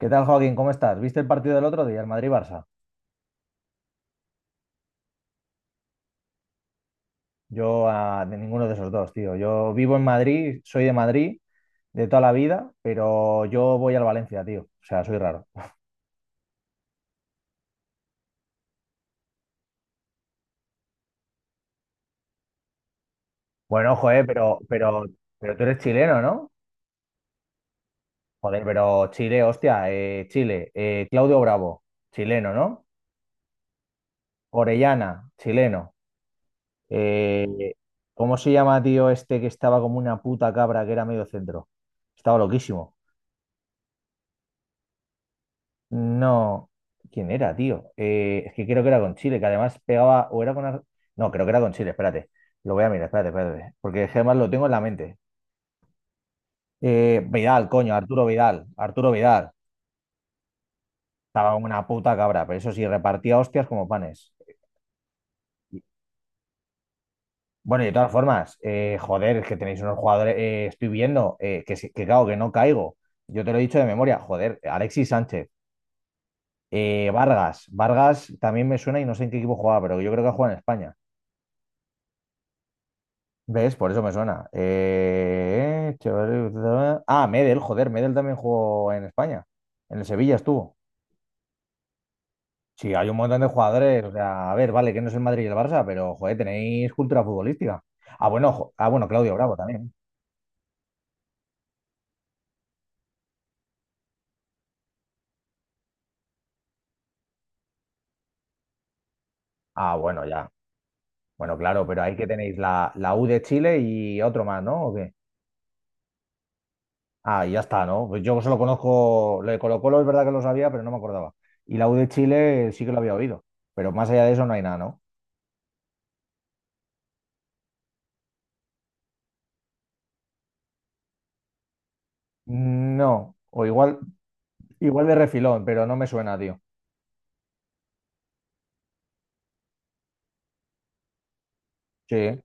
¿Qué tal, Joaquín? ¿Cómo estás? ¿Viste el partido del otro día, el Madrid-Barça? Yo de ninguno de esos dos, tío. Yo vivo en Madrid, soy de Madrid de toda la vida, pero yo voy al Valencia, tío. O sea, soy raro. Bueno, joder, pero tú eres chileno, ¿no? Joder, pero Chile, hostia, Chile, Claudio Bravo, chileno, ¿no? Orellana, chileno. Eh, ¿Cómo se llama, tío, este que estaba como una puta cabra que era medio centro? Estaba loquísimo. No, ¿quién era, tío? Es que creo que era con Chile, que además pegaba, o era con. No, creo que era con Chile, espérate. Lo voy a mirar, espérate, espérate. Porque es que además lo tengo en la mente. Vidal, coño, Arturo Vidal, Arturo Vidal. Estaba como una puta cabra, pero eso sí, repartía hostias como panes. Bueno, y de todas formas, joder, es que tenéis unos jugadores, estoy viendo, que claro, que no caigo. Yo te lo he dicho de memoria, joder, Alexis Sánchez, Vargas, Vargas también me suena y no sé en qué equipo jugaba, pero yo creo que juega en España. ¿Ves? Por eso me suena. Medel, joder, Medel también jugó en España. En el Sevilla estuvo. Sí, hay un montón de jugadores. O sea, a ver, vale, que no es el Madrid y el Barça, pero joder, tenéis cultura futbolística. Ah, bueno, Claudio Bravo también. Ah, bueno, ya. Bueno, claro, pero ahí que tenéis la, U de Chile y otro más, ¿no? ¿O qué? Ah, y ya está, ¿no? Pues yo solo conozco, lo de Colo-Colo es verdad que lo sabía, pero no me acordaba. Y la U de Chile sí que lo había oído, pero más allá de eso no hay nada, ¿no? No, o igual. Igual de refilón, pero no me suena, tío. Sí.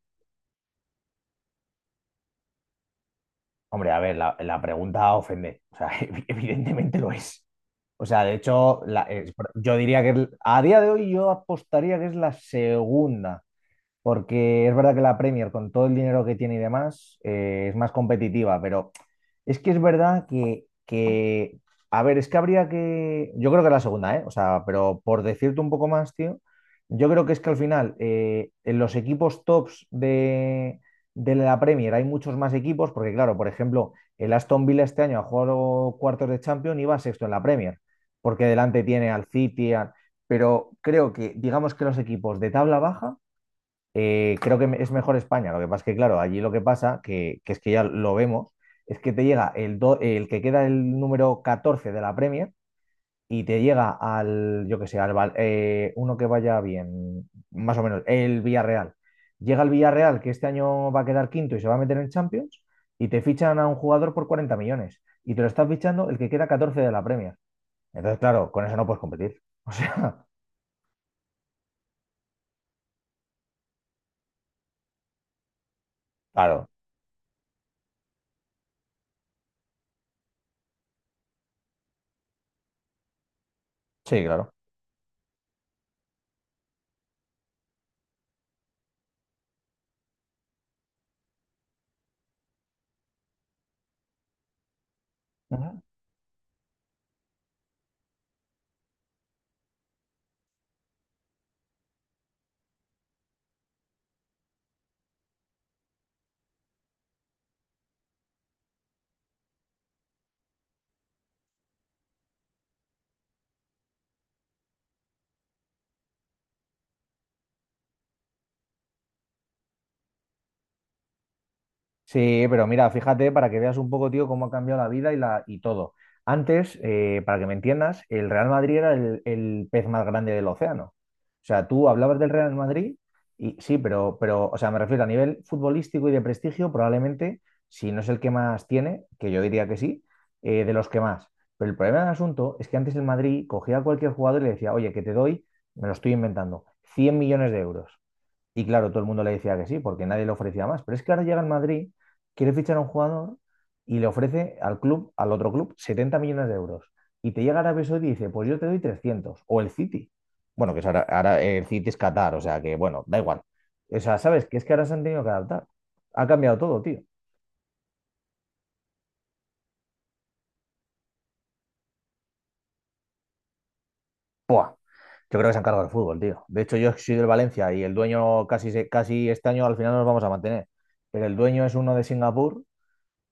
Hombre, a ver, la pregunta ofende. O sea, evidentemente lo es. O sea, de hecho, yo diría que a día de hoy yo apostaría que es la segunda. Porque es verdad que la Premier, con todo el dinero que tiene y demás, es más competitiva, pero es que es verdad a ver, es que habría que, yo creo que la segunda, ¿eh? O sea, pero por decirte un poco más, tío, yo creo que es que al final en los equipos tops de la Premier hay muchos más equipos, porque claro, por ejemplo, el Aston Villa este año ha jugado cuartos de Champions y va sexto en la Premier, porque delante tiene al City, pero creo que, digamos que los equipos de tabla baja creo que es mejor España. Lo que pasa es que, claro, allí lo que pasa, que es que ya lo vemos, es que te llega el que queda el número 14 de la Premier y te llega al, yo que sé, uno que vaya bien, más o menos, el Villarreal. Llega el Villarreal, que este año va a quedar quinto y se va a meter en Champions, y te fichan a un jugador por 40 millones. Y te lo estás fichando el que queda 14 de la Premier. Entonces, claro, con eso no puedes competir. O sea, claro, sí, claro. Sí, pero mira, fíjate para que veas un poco, tío, cómo ha cambiado la vida y todo. Antes, para que me entiendas, el Real Madrid era el pez más grande del océano. O sea, tú hablabas del Real Madrid y sí, pero, o sea, me refiero a nivel futbolístico y de prestigio, probablemente, si no es el que más tiene, que yo diría que sí, de los que más. Pero el problema del asunto es que antes el Madrid cogía a cualquier jugador y le decía, oye, que te doy, me lo estoy inventando, 100 millones de euros. Y claro, todo el mundo le decía que sí, porque nadie le ofrecía más. Pero es que ahora llega al Madrid, quiere fichar a un jugador y le ofrece al club, al otro club, 70 millones de euros. Y te llega Arabia Saudí y dice, pues yo te doy 300. O el City. Bueno, que es ahora, el City es Qatar, o sea que, bueno, da igual. O sea, ¿sabes? Que es que ahora se han tenido que adaptar. Ha cambiado todo, tío. ¡Puah! Yo creo que se han cargado el fútbol, tío. De hecho, yo soy del Valencia y el dueño casi este año al final nos vamos a mantener. Pero el dueño es uno de Singapur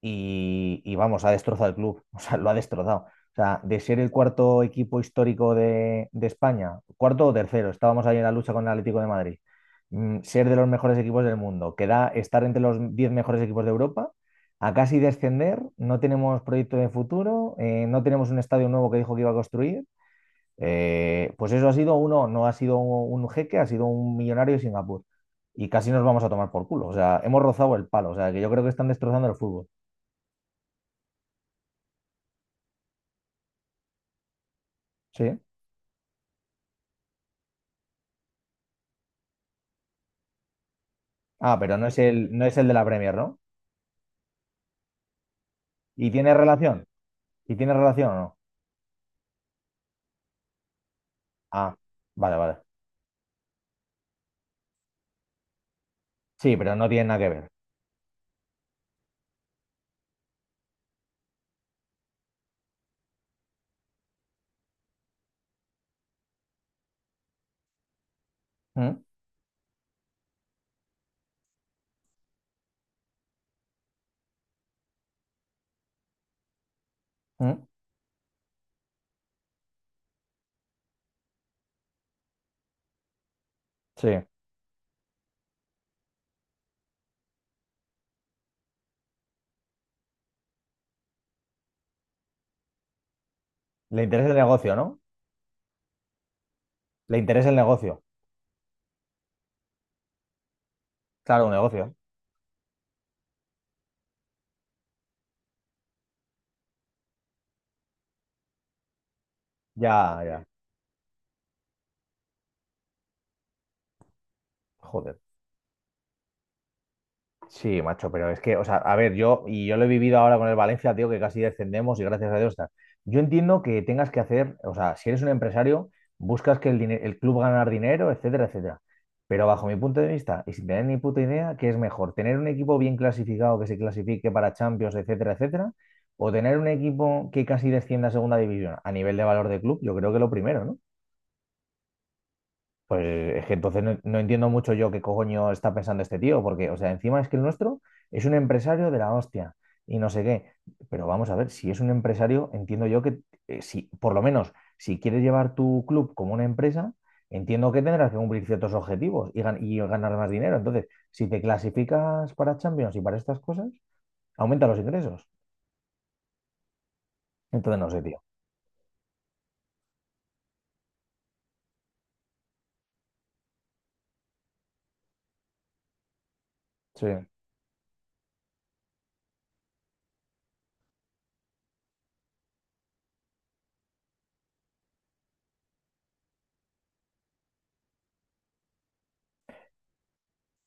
y vamos, ha destrozado el club, o sea, lo ha destrozado. O sea, de ser el cuarto equipo histórico de España, cuarto o tercero, estábamos ahí en la lucha con el Atlético de Madrid, ser de los mejores equipos del mundo, que da estar entre los 10 mejores equipos de Europa, a casi descender, no tenemos proyecto de futuro, no tenemos un estadio nuevo que dijo que iba a construir, pues eso ha sido uno, no ha sido un jeque, ha sido un millonario de Singapur. Y casi nos vamos a tomar por culo. O sea, hemos rozado el palo. O sea, que yo creo que están destrozando el fútbol. Sí. Ah, pero no es el, de la Premier, ¿no? ¿Y tiene relación? ¿Y tiene relación o no? Ah, vale, vale. Sí, pero no tiene nada que ver. ¿Mm? ¿Mm? Sí. Le interesa el negocio, ¿no? Le interesa el negocio. Claro, un negocio. Ya, ya. Joder. Sí, macho, pero es que, o sea, a ver, y yo lo he vivido ahora con el Valencia, tío, que casi descendemos y gracias a Dios está. Yo entiendo que tengas que hacer, o sea, si eres un empresario, buscas que el club ganar dinero, etcétera, etcétera. Pero bajo mi punto de vista, y sin tener ni puta idea, ¿qué es mejor? ¿Tener un equipo bien clasificado que se clasifique para Champions, etcétera, etcétera? ¿O tener un equipo que casi descienda a segunda división? A nivel de valor de club, yo creo que lo primero, ¿no? Pues es que entonces no entiendo mucho yo qué coño está pensando este tío, porque, o sea, encima es que el nuestro es un empresario de la hostia y no sé qué. Pero vamos a ver, si es un empresario, entiendo yo que, si, por lo menos, si quieres llevar tu club como una empresa, entiendo que tendrás que cumplir ciertos objetivos y ganar más dinero. Entonces, si te clasificas para Champions y para estas cosas, aumenta los ingresos. Entonces, no sé, tío. Sí.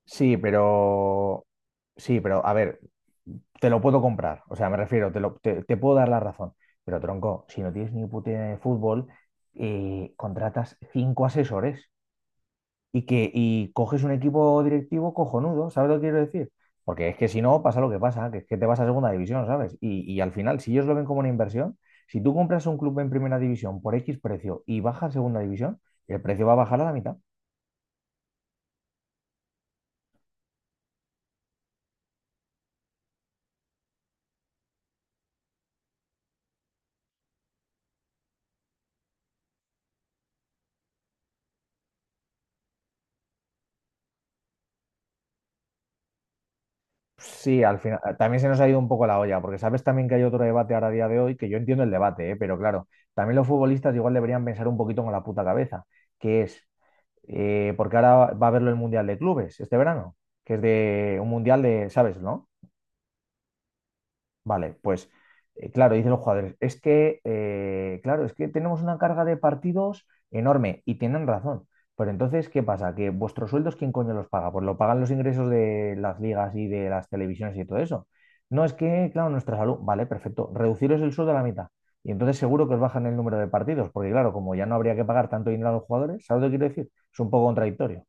Sí, pero. Sí, pero a ver, te lo puedo comprar. O sea, me refiero, te puedo dar la razón. Pero tronco, si no tienes ni puta idea de fútbol, contratas cinco asesores y coges un equipo directivo cojonudo, ¿sabes lo que quiero decir? Porque es que si no, pasa lo que pasa, que es que te vas a segunda división, ¿sabes? Y al final, si ellos lo ven como una inversión, si tú compras un club en primera división por X precio y baja a segunda división, el precio va a bajar a la mitad. Sí, al final también se nos ha ido un poco la olla, porque sabes también que hay otro debate ahora a día de hoy, que yo entiendo el debate, ¿eh? Pero claro, también los futbolistas igual deberían pensar un poquito con la puta cabeza, que es, porque ahora va a haberlo el Mundial de Clubes este verano, que es de un Mundial de, ¿sabes, no? Vale, pues claro, dicen los jugadores, es que, claro, es que tenemos una carga de partidos enorme y tienen razón. Pero entonces, ¿qué pasa? Que vuestros sueldos, ¿quién coño los paga? Pues lo pagan los ingresos de las ligas y de las televisiones y todo eso. No, es que, claro, nuestra salud, vale, perfecto, reduciros el sueldo a la mitad. Y entonces seguro que os bajan el número de partidos, porque claro, como ya no habría que pagar tanto dinero a los jugadores, ¿sabes lo que quiero decir? Es un poco contradictorio.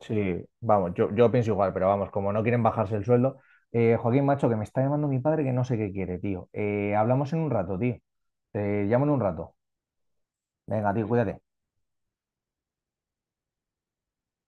Sí, vamos, yo pienso igual, pero vamos, como no quieren bajarse el sueldo, Joaquín, macho, que me está llamando mi padre que no sé qué quiere, tío. Hablamos en un rato, tío. Te llamo en un rato. Venga, tío, cuídate.